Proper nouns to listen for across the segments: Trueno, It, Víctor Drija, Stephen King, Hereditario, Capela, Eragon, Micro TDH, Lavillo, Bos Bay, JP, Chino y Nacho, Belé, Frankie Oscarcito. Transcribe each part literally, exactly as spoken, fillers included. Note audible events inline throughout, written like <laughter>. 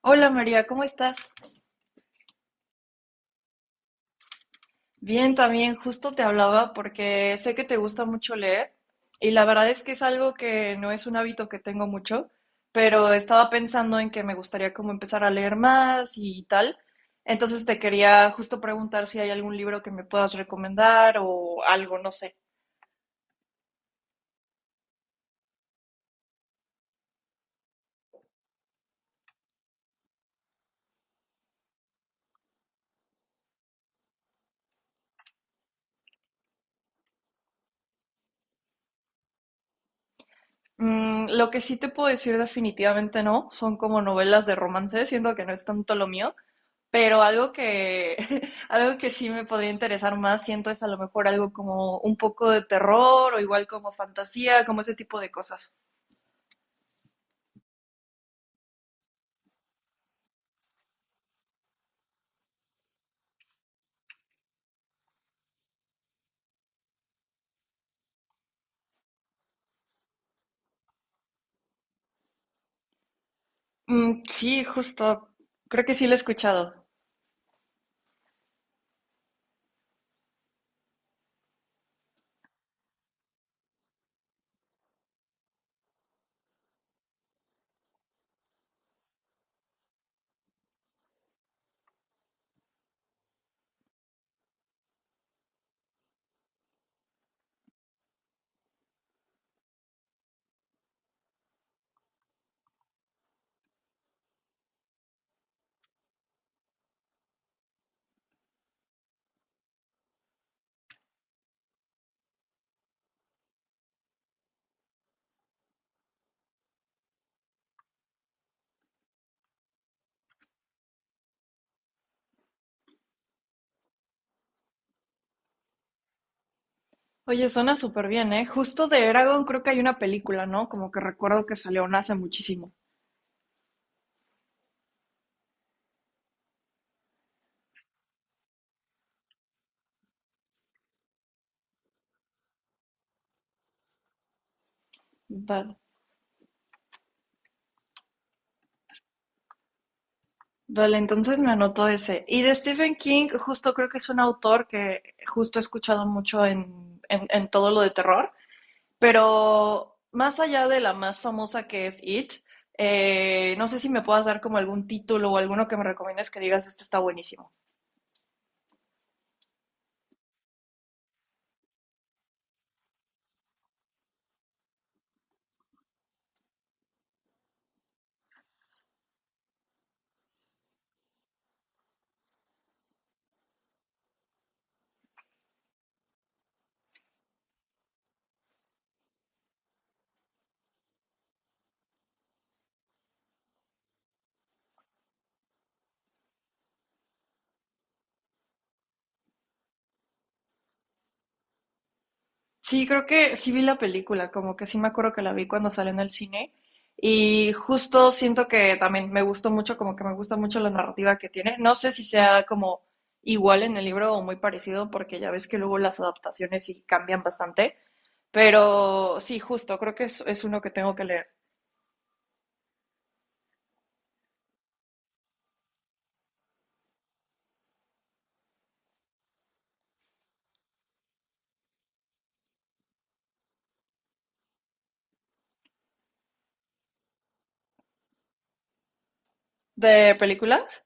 Hola María, ¿cómo estás? Bien, también justo te hablaba porque sé que te gusta mucho leer y la verdad es que es algo que no es un hábito que tengo mucho, pero estaba pensando en que me gustaría como empezar a leer más y tal. Entonces te quería justo preguntar si hay algún libro que me puedas recomendar o algo, no sé. Mm, lo que sí te puedo decir definitivamente no, son como novelas de romance, siento que no es tanto lo mío. Pero algo que, <laughs> algo que sí me podría interesar más, siento, es a lo mejor algo como un poco de terror o igual como fantasía, como ese tipo de cosas. Mm, sí, justo. Creo que sí lo he escuchado. Oye, suena súper bien, ¿eh? Justo de Eragon creo que hay una película, ¿no? Como que recuerdo que salió una hace muchísimo. Vale. Vale, entonces me anotó ese. Y de Stephen King, justo creo que es un autor que justo he escuchado mucho en, en, en todo lo de terror. Pero más allá de la más famosa que es It, eh, no sé si me puedas dar como algún título o alguno que me recomiendes que digas, este está buenísimo. Sí, creo que sí vi la película, como que sí me acuerdo que la vi cuando salió en el cine y justo siento que también me gustó mucho, como que me gusta mucho la narrativa que tiene. No sé si sea como igual en el libro o muy parecido, porque ya ves que luego las adaptaciones sí cambian bastante, pero sí, justo, creo que es, es uno que tengo que leer. ¿De películas?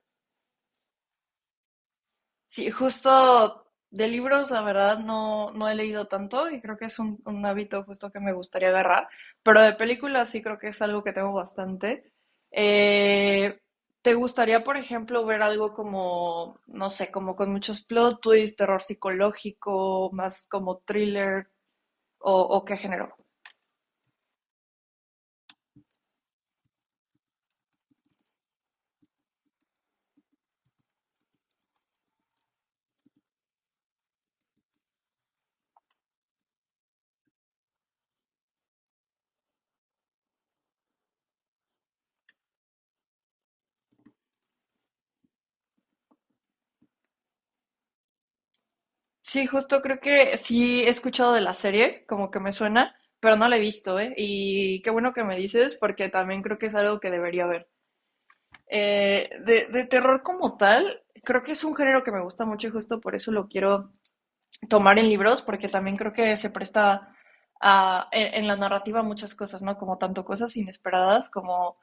Sí, justo de libros, la verdad, no, no he leído tanto y creo que es un, un hábito justo que me gustaría agarrar, pero de películas sí creo que es algo que tengo bastante. Eh, ¿Te gustaría, por ejemplo, ver algo como, no sé, como con muchos plot twists, terror psicológico, más como thriller o, o qué género? Sí, justo creo que sí he escuchado de la serie, como que me suena, pero no la he visto, ¿eh? Y qué bueno que me dices porque también creo que es algo que debería ver. Eh, de, de terror como tal, creo que es un género que me gusta mucho y justo por eso lo quiero tomar en libros, porque también creo que se presta a- en, en la narrativa muchas cosas, ¿no? Como tanto cosas inesperadas como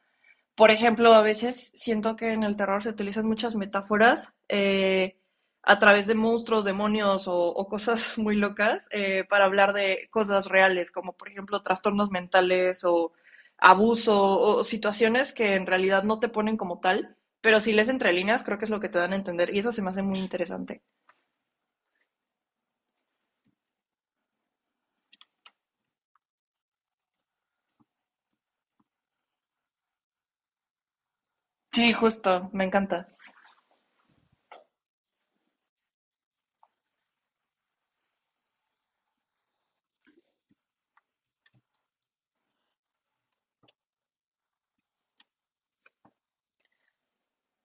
por ejemplo, a veces siento que en el terror se utilizan muchas metáforas eh, a través de monstruos, demonios o, o cosas <laughs> muy locas eh, para hablar de cosas reales, como por ejemplo trastornos mentales o abuso o situaciones que en realidad no te ponen como tal, pero si lees entre líneas creo que es lo que te dan a entender y eso se me hace muy interesante. Sí, justo, me encanta.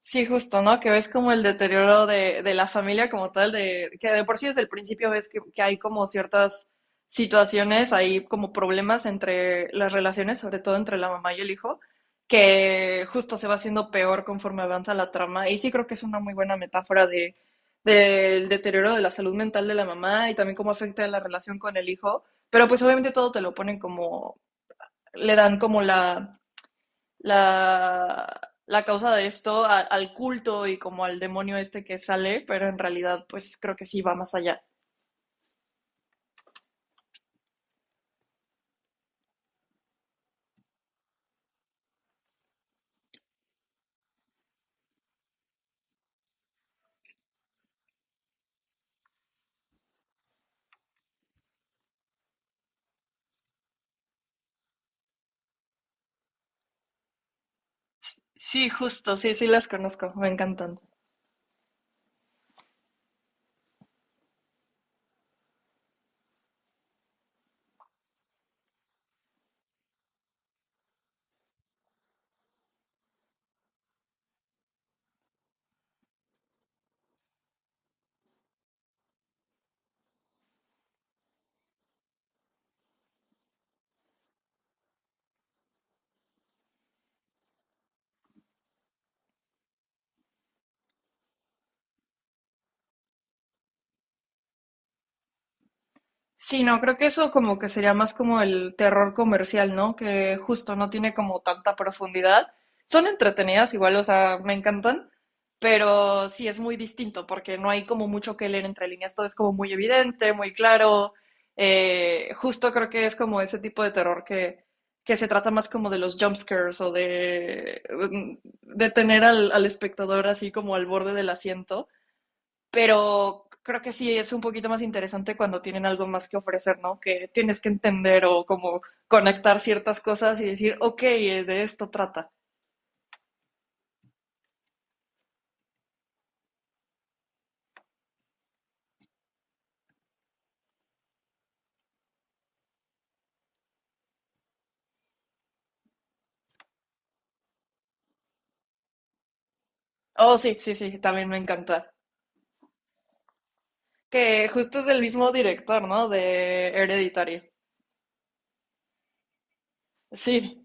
Sí, justo, ¿no? Que ves como el deterioro de, de la familia como tal, de que de por sí desde el principio ves que, que hay como ciertas situaciones, hay como problemas entre las relaciones, sobre todo entre la mamá y el hijo, que justo se va haciendo peor conforme avanza la trama. Y sí creo que es una muy buena metáfora de, del deterioro de la salud mental de la mamá y también cómo afecta la relación con el hijo. Pero pues obviamente todo te lo ponen como, le dan como la, la, la causa de esto a- al culto y como al demonio este que sale, pero en realidad pues creo que sí va más allá. Sí, justo, sí, sí las conozco, me encantan. Sí, no, creo que eso como que sería más como el terror comercial, ¿no? Que justo no tiene como tanta profundidad. Son entretenidas igual, o sea, me encantan, pero sí es muy distinto porque no hay como mucho que leer entre líneas, todo es como muy evidente, muy claro. Eh, justo creo que es como ese tipo de terror que, que se trata más como de los jump scares o de, de tener al, al espectador así como al borde del asiento, pero creo que sí es un poquito más interesante cuando tienen algo más que ofrecer, ¿no? Que tienes que entender o como conectar ciertas cosas y decir, ok, eh, de esto trata. Oh, sí, sí, sí, también me encanta. Que justo es del mismo director, ¿no? De Hereditario. Sí,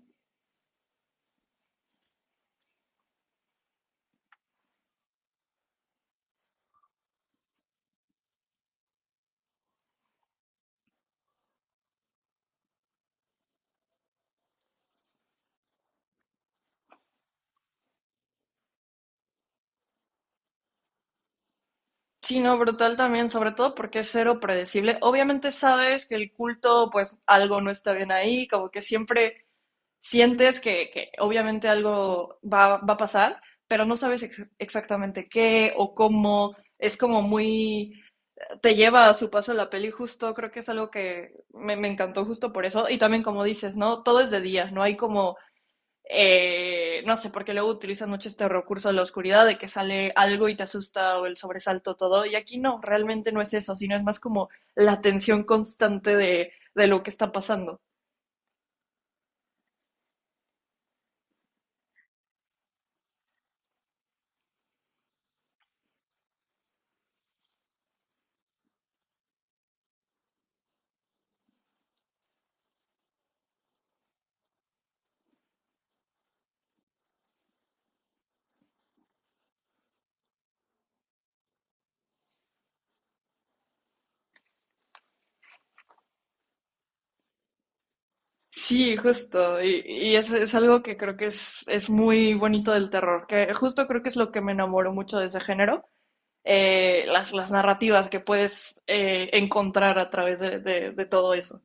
sí, no, brutal también, sobre todo porque es cero predecible. Obviamente sabes que el culto, pues algo no está bien ahí, como que siempre sientes que, que obviamente algo va, va, a pasar, pero no sabes ex exactamente qué o cómo. Es como muy, te lleva a su paso la peli justo, creo que es algo que me, me encantó justo por eso. Y también como dices, ¿no? Todo es de día, no hay como eh, no sé, porque luego utilizan mucho este recurso de la oscuridad, de que sale algo y te asusta o el sobresalto, todo. Y aquí no, realmente no es eso, sino es más como la tensión constante de, de lo que está pasando. Sí, justo. Y, y es, es algo que creo que es, es muy bonito del terror, que justo creo que es lo que me enamoró mucho de ese género, eh, las, las narrativas que puedes eh, encontrar a través de, de- de todo eso.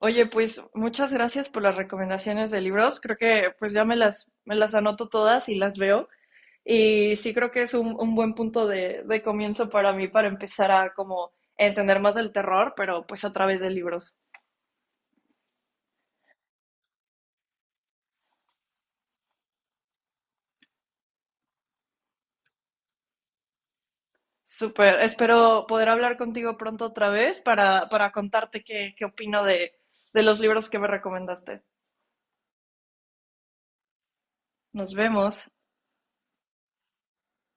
Oye, pues muchas gracias por las recomendaciones de libros. Creo que pues ya me las, me las anoto todas y las veo. Y sí creo que es un, un buen punto de, de comienzo para mí para empezar a como entender más del terror, pero pues a través de libros. Súper, espero poder hablar contigo pronto otra vez para, para contarte qué, qué opino de, de los libros que me recomendaste. Nos vemos.